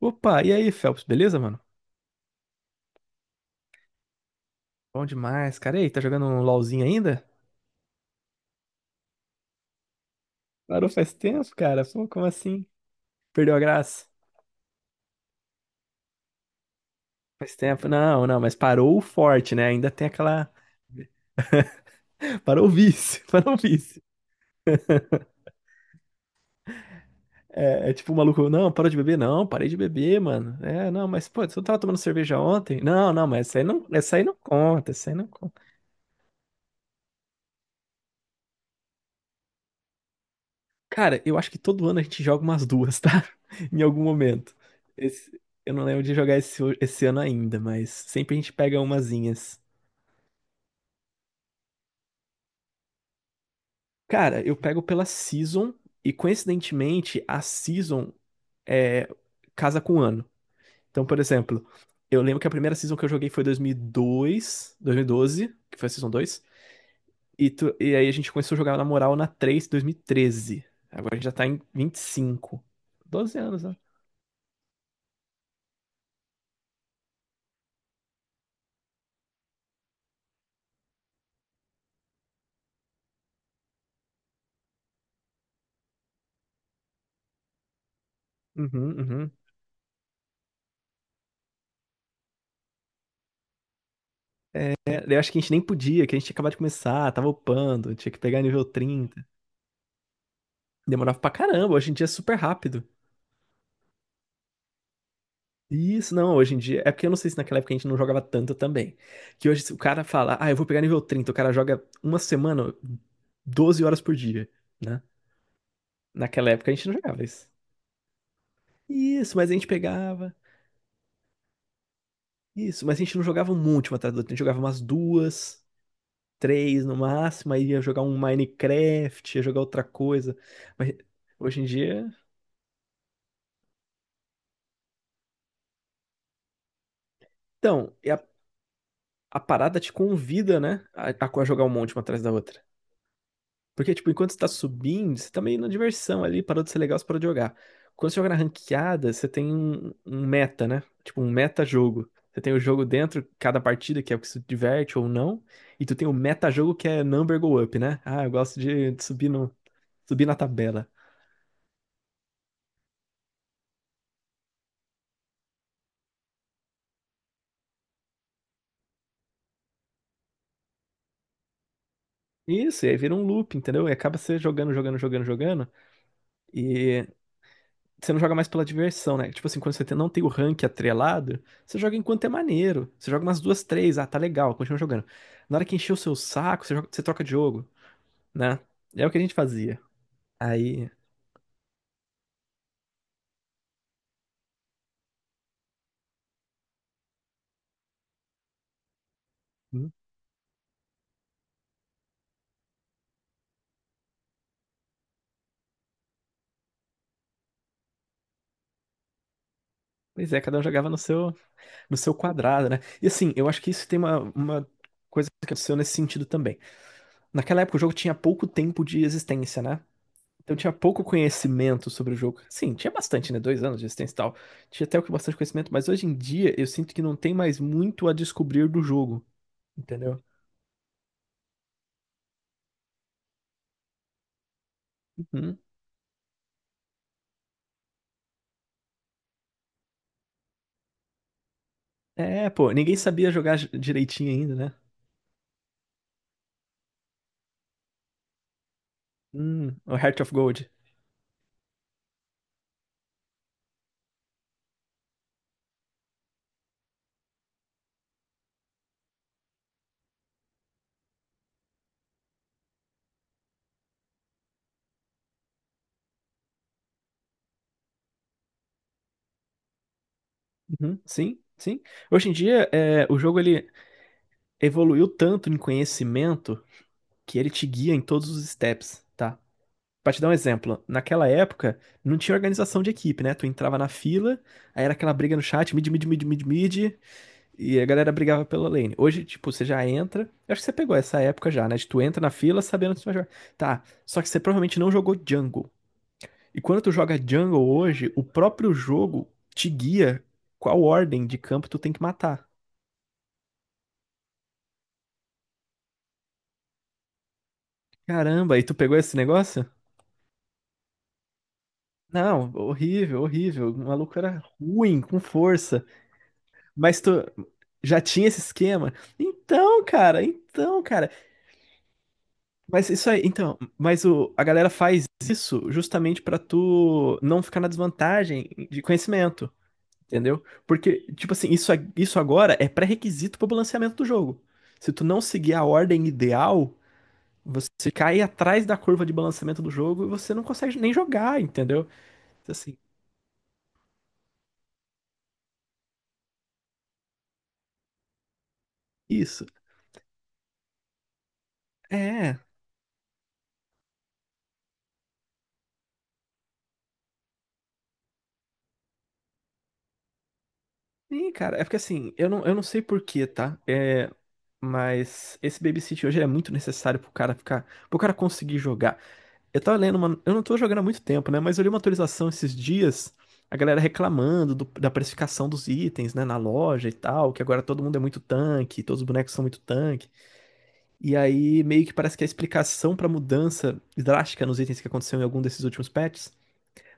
Opa, e aí, Phelps, beleza, mano? Bom demais, cara. E aí, tá jogando um LOLzinho ainda? Parou faz tempo, cara. Pô, como assim? Perdeu a graça? Faz tempo. Não, não, mas parou o forte, né? Ainda tem aquela. Parou o vício, parou o vício. É tipo o maluco, não, parou de beber? Não, parei de beber, mano. É, não, mas pô, você não tava tomando cerveja ontem? Não, não, mas essa aí não conta, essa aí não conta. Cara, eu acho que todo ano a gente joga umas duas, tá? Em algum momento. Esse- eu não lembro de jogar esse ano ainda, mas sempre a gente pega umazinhas. Cara, eu pego pela season e coincidentemente a season é, casa com o ano. Então, por exemplo, eu lembro que a primeira season que eu joguei foi 2002, 2012, que foi a season 2. E aí a gente começou a jogar na moral na 3, 2013. Agora a gente já tá em 25. 12 anos, né? Uhum, uhum. É, eu acho que a gente nem podia, que a gente tinha acabado de começar, tava upando, tinha que pegar nível 30. Demorava pra caramba, hoje em dia é super rápido. Isso, não, hoje em dia. É porque eu não sei se naquela época a gente não jogava tanto também. Que hoje, se o cara fala, ah, eu vou pegar nível 30. O cara joga uma semana, 12 horas por dia, né? Naquela época a gente não jogava isso. Isso, mas a gente pegava. Isso, mas a gente não jogava um monte uma atrás da outra. A gente jogava umas duas, três no máximo, aí ia jogar um Minecraft, ia jogar outra coisa. Mas hoje em dia. Então, e a parada te convida, né? A jogar um monte uma atrás da outra. Porque, tipo, enquanto você tá subindo, você tá meio na diversão ali, parou de ser legal, você parou de jogar. Quando você joga na ranqueada, você tem um meta, né? Tipo, um meta-jogo. Você tem o jogo dentro, cada partida, que é o que se diverte ou não. E tu tem o meta-jogo, que é number go up, né? Ah, eu gosto de subir, no, subir na tabela. Isso, e aí vira um loop, entendeu? E acaba você jogando, jogando, jogando, jogando. E você não joga mais pela diversão, né? Tipo assim, quando você não tem o rank atrelado, você joga enquanto é maneiro. Você joga umas duas, três, ah, tá legal, continua jogando. Na hora que encher o seu saco, você você troca de jogo, né? É o que a gente fazia. Aí, hum, pois é, cada um jogava no seu quadrado, né? E assim, eu acho que isso tem uma coisa que aconteceu nesse sentido também. Naquela época o jogo tinha pouco tempo de existência, né? Então tinha pouco conhecimento sobre o jogo. Sim, tinha bastante, né? 2 anos de existência e tal. Tinha até o que bastante conhecimento, mas hoje em dia eu sinto que não tem mais muito a descobrir do jogo, entendeu? Uhum. É, pô, ninguém sabia jogar direitinho ainda, né? O Heart of Gold. Uhum, sim, sim. Hoje em dia o jogo ele evoluiu tanto em conhecimento que ele te guia em todos os steps, tá? Pra te dar um exemplo, naquela época não tinha organização de equipe, né? Tu entrava na fila, aí era aquela briga no chat, mid, mid, mid, mid, mid. E a galera brigava pela lane. Hoje, tipo, você já entra. Eu acho que você pegou essa época já, né? De tu entra na fila sabendo que você vai jogar. Tá. Só que você provavelmente não jogou jungle. E quando tu joga jungle hoje, o próprio jogo te guia qual ordem de campo tu tem que matar. Caramba, e tu pegou esse negócio? Não, horrível, horrível. O maluco era ruim, com força. Mas tu já tinha esse esquema. Então, cara, então, cara. Mas isso aí, então, a galera faz isso justamente pra tu não ficar na desvantagem de conhecimento, entendeu? Porque, tipo assim, isso, isso agora é pré-requisito pro balanceamento do jogo. Se tu não seguir a ordem ideal, você cai atrás da curva de balanceamento do jogo e você não consegue nem jogar, entendeu? Então, assim, isso. É, sim, cara, é porque assim, eu não sei por quê, tá? É, mas esse babysit hoje ele é muito necessário pro cara ficar, pro cara conseguir jogar. Eu tava lendo, mano. Eu não tô jogando há muito tempo, né? Mas eu li uma atualização esses dias, a galera reclamando da precificação dos itens, né? Na loja e tal, que agora todo mundo é muito tanque, todos os bonecos são muito tanque. E aí meio que parece que a explicação pra mudança drástica nos itens que aconteceu em algum desses últimos patches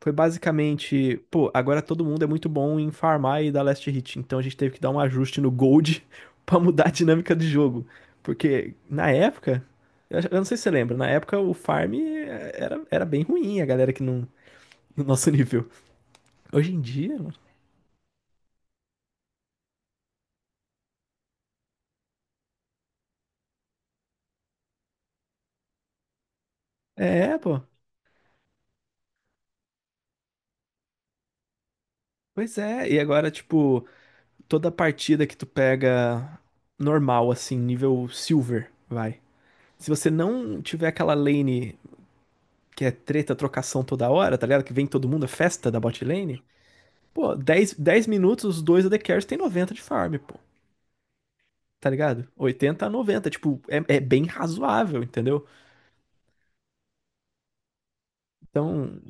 foi basicamente, pô, agora todo mundo é muito bom em farmar e dar last hit, então a gente teve que dar um ajuste no gold pra mudar a dinâmica do jogo. Porque na época, eu não sei se você lembra, na época o farm era bem ruim, a galera que não, no nosso nível. Hoje em dia, mano, é, pô. Pois é, e agora, tipo, toda partida que tu pega normal, assim, nível silver, vai. Se você não tiver aquela lane que é treta, trocação toda hora, tá ligado? Que vem todo mundo, é festa da bot lane. Pô, dez minutos, os dois AD Carries tem 90 de farm, pô. Tá ligado? 80, a 90, tipo, é bem razoável, entendeu? Então,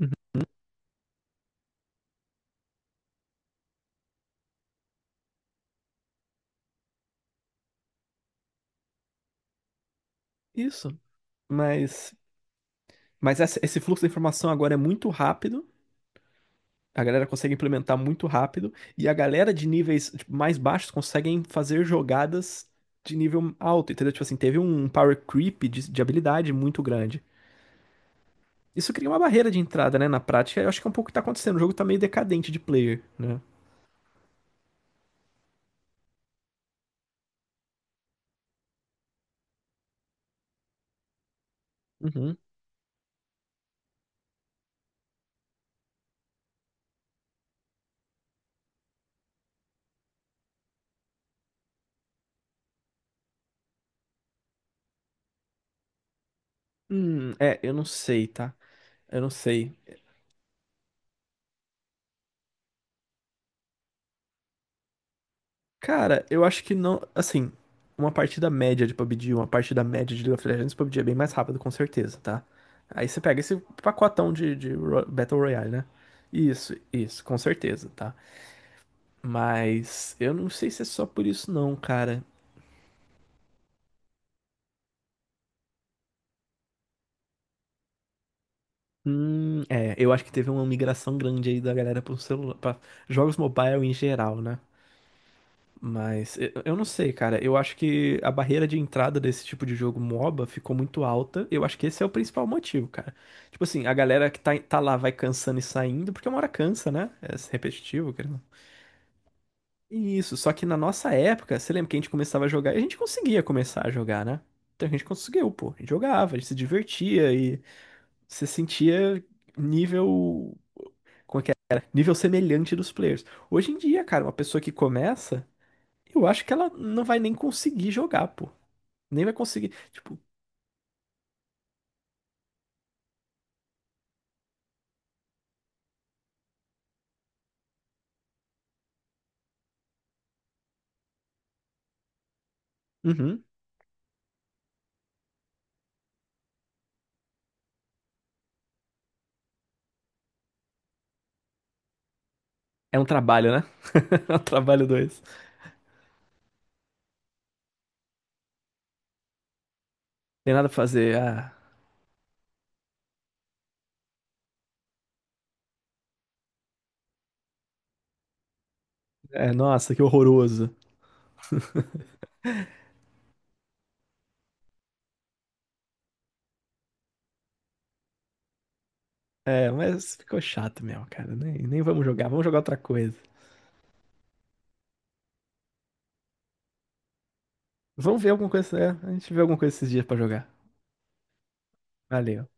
uhum. Isso. Mas, mas esse fluxo de informação agora é muito rápido. A galera consegue implementar muito rápido. E a galera de níveis tipo, mais baixos conseguem fazer jogadas de nível alto, entendeu? Tipo assim, teve um power creep de habilidade muito grande. Isso cria uma barreira de entrada, né? Na prática, eu acho que é um pouco o que tá acontecendo. O jogo tá meio decadente de player, né? Uhum. É, eu não sei, tá? Eu não sei. Cara, eu acho que não. Assim, uma partida média de PUBG, uma partida média de League of Legends, PUBG é bem mais rápido, com certeza, tá? Aí você pega esse pacotão de Battle Royale, né? Isso, com certeza, tá? Mas eu não sei se é só por isso, não, cara. É, eu acho que teve uma migração grande aí da galera pro celular, pra jogos mobile em geral, né? Mas eu não sei, cara. Eu acho que a barreira de entrada desse tipo de jogo MOBA ficou muito alta. Eu acho que esse é o principal motivo, cara. Tipo assim, a galera que tá lá vai cansando e saindo, porque uma hora cansa, né? É repetitivo, querendo ou não. Isso, só que na nossa época, você lembra que a gente começava a jogar e a gente conseguia começar a jogar, né? Então a gente conseguiu, pô. A gente jogava, a gente se divertia e você sentia nível. Como é que era? Nível semelhante dos players. Hoje em dia, cara, uma pessoa que começa. Eu acho que ela não vai nem conseguir jogar, pô. Nem vai conseguir. Tipo, uhum. É um trabalho, né? É um trabalho dois. Tem nada pra fazer. Ah, é, nossa, que horroroso. É, mas ficou chato mesmo, cara. Nem vamos jogar. Vamos jogar outra coisa. Vamos ver alguma coisa. É, a gente vê alguma coisa esses dias pra jogar. Valeu.